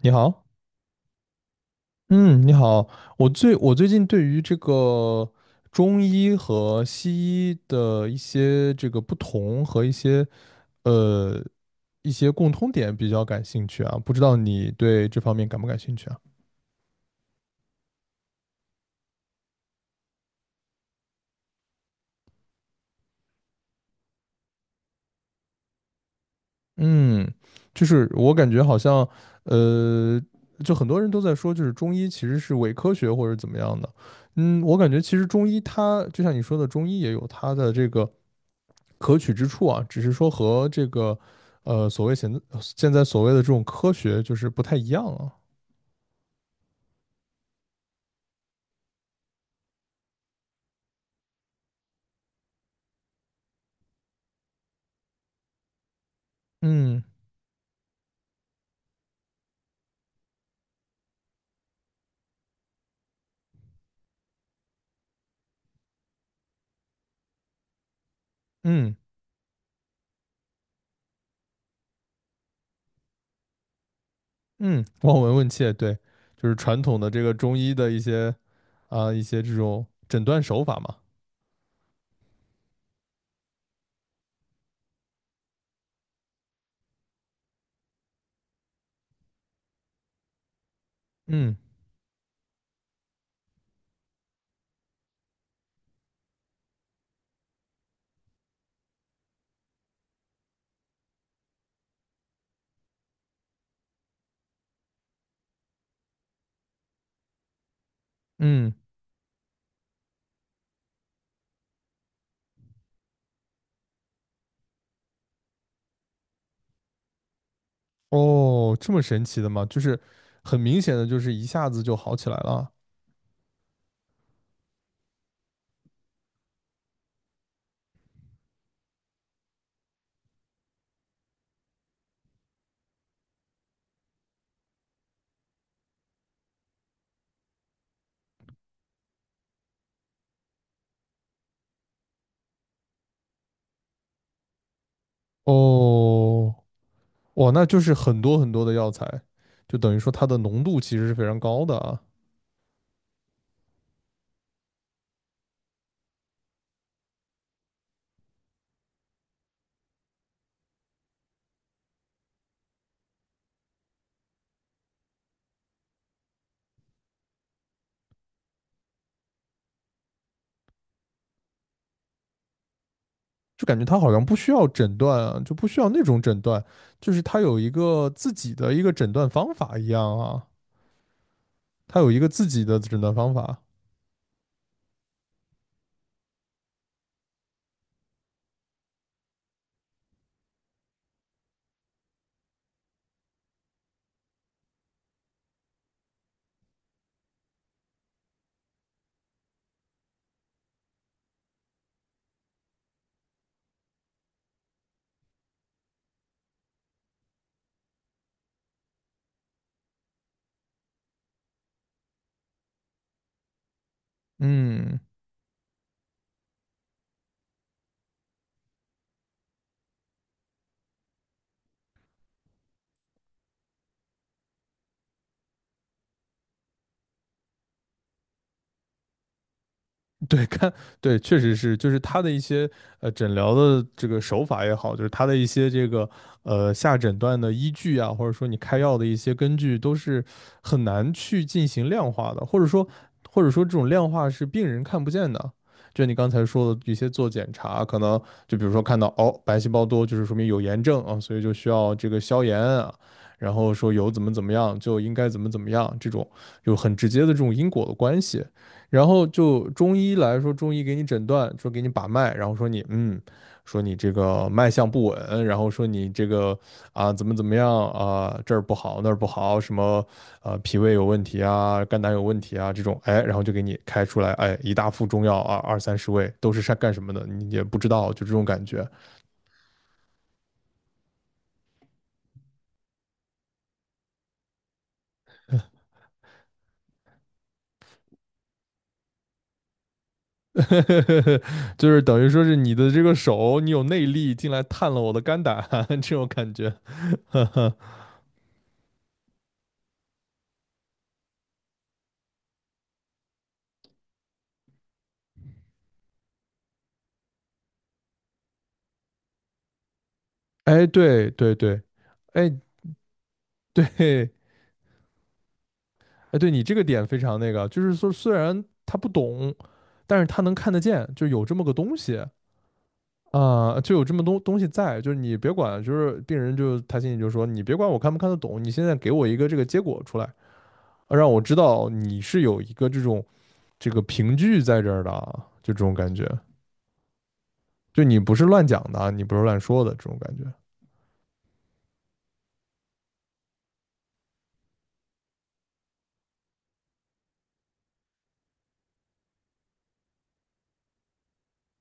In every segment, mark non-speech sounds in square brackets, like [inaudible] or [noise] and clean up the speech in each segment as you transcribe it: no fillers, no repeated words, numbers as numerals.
你好，嗯，你好，我最近对于这个中医和西医的一些这个不同和一些呃一些共通点比较感兴趣啊，不知道你对这方面感不感兴趣啊？嗯，就是我感觉好像呃，就很多人都在说，就是中医其实是伪科学或者怎么样的，嗯，我感觉其实中医它就像你说的，中医也有它的这个。可取之处啊，只是说和这个所谓现在所谓的这种科学就是不太一样啊。嗯嗯嗯，望闻问切，对，就是传统的这个中医的一些一些这种诊断手法嘛。嗯嗯，哦，这么神奇的吗？就是很明显的，就是一下子就好起来了。哦，哇，那就是很多很多的药材，就等于说它的浓度其实是非常高的啊。就感觉他好像不需要诊断啊，就不需要那种诊断，就是他有一个自己的一个诊断方法一样啊，他有一个自己的诊断方法。嗯，[laughs] 对，看，对，确实是，就是他的一些诊疗的这个手法也好，就是他的一些这个下诊断的依据啊，或者说你开药的一些根据，都是很难去进行量化的，或者说这种量化是病人看不见的。就你刚才说的一些做检查，可能就比如说看到哦白细胞多，就是说明有炎症啊，所以就需要这个消炎啊，然后说有怎么怎么样就应该怎么怎么样，这种有很直接的这种因果的关系。然后就中医来说，中医给你诊断，说给你把脉，然后说你嗯，说你这个脉象不稳，然后说你这个啊怎么怎么样啊这儿不好那儿不好，什么脾胃有问题啊，肝胆有问题啊这种，哎，然后就给你开出来，哎一大副中药啊二三十味都是干什么的，你也不知道，就这种感觉，[laughs] 就是等于说是你的这个手你有内力进来探了我的肝胆 [laughs] 这种感觉，[laughs] 哎对对对，哎。[laughs] 对。哎，对你这个点非常那个，就是说虽然他不懂，但是他能看得见，就有这么个东西啊、就有这么东西在，就是你别管，就是病人就他心里就说，你别管我看不看得懂，你现在给我一个这个结果出来，啊让我知道你是有一个这种这个凭据在这儿的啊，就这种感觉，就你不是乱讲的啊，你不是乱说的这种感觉。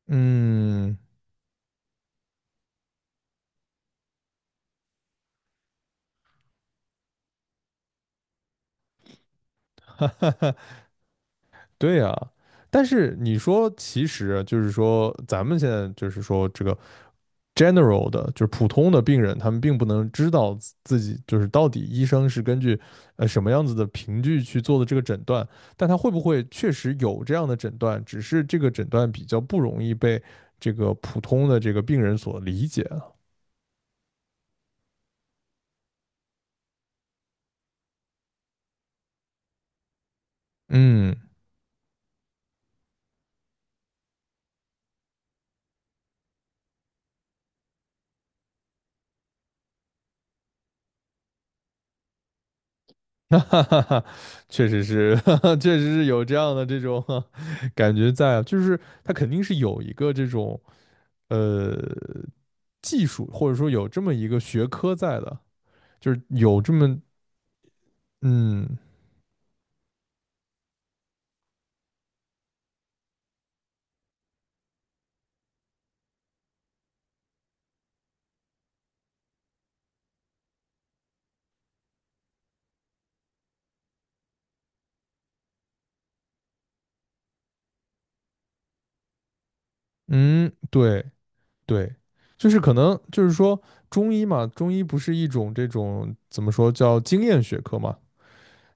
嗯，[laughs] 对呀、但是你说，其实就是说，咱们现在就是说，这个 general 的，就是普通的病人，他们并不能知道自己就是到底医生是根据什么样子的凭据去做的这个诊断，但他会不会确实有这样的诊断，只是这个诊断比较不容易被这个普通的这个病人所理解啊。嗯，[laughs] 哈哈哈，确实是，[laughs] 哈哈，确实是有这样的这种 [laughs] 感觉在啊，就是他肯定是有一个这种呃技术，或者说有这么一个学科在的，就是有这么嗯嗯，对对，就是可能就是说中医嘛，中医不是一种这种怎么说叫经验学科嘛，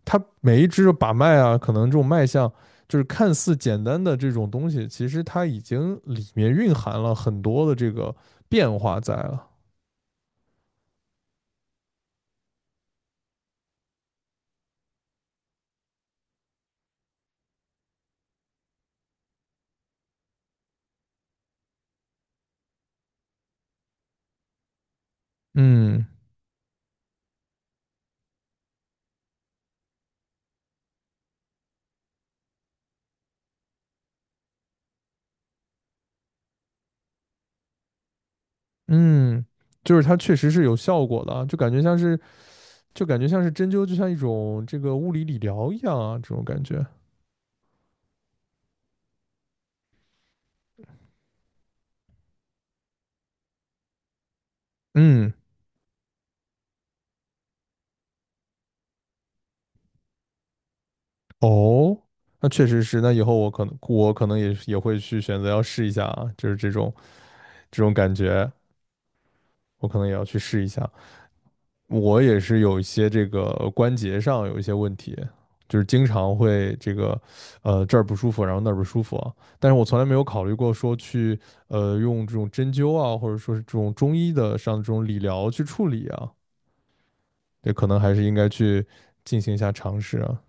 它每一支的把脉啊，可能这种脉象就是看似简单的这种东西，其实它已经里面蕴含了很多的这个变化在了。嗯嗯，就是它确实是有效果的啊，就感觉像是就感觉像是针灸，就像一种这个物理理疗一样啊，这种感觉。嗯。哦，那确实是，那以后我可能也也会去选择要试一下啊，就是这种这种感觉，我可能也要去试一下。我也是有一些这个关节上有一些问题，就是经常会这个这儿不舒服，然后那儿不舒服啊，但是我从来没有考虑过说去用这种针灸啊，或者说是这种中医的上这种理疗去处理啊，也可能还是应该去进行一下尝试啊。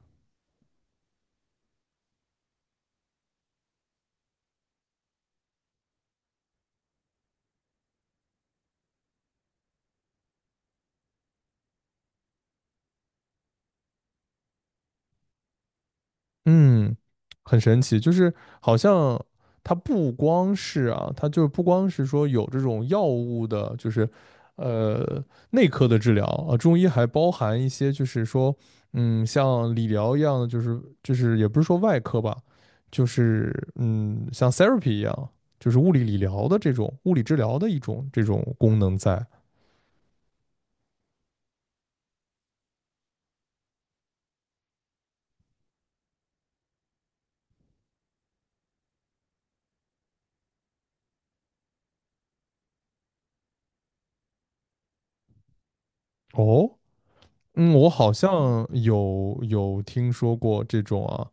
嗯，很神奇，就是好像它不光是啊，它就不光是说有这种药物的，就是呃内科的治疗啊，中医还包含一些就是说，嗯，像理疗一样的，就是就是也不是说外科吧，就是嗯像 therapy 一样，就是物理理疗的这种物理治疗的一种这种功能在。哦，嗯，我好像有听说过这种啊，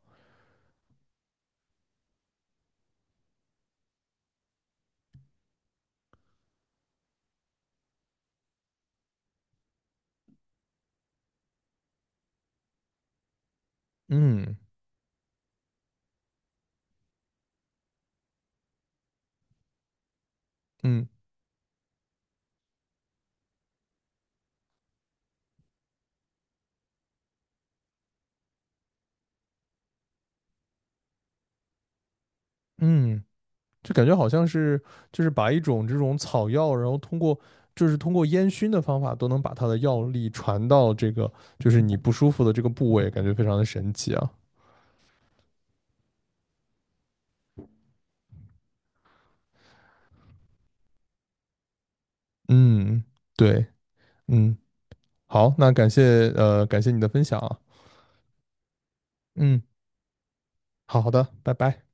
嗯嗯嗯。就感觉好像是就是把一种这种草药，然后通过就是通过烟熏的方法，都能把它的药力传到这个就是你不舒服的这个部位，感觉非常的神奇啊。嗯，对，嗯，好，那感谢感谢你的分享啊。嗯，好好的，拜拜。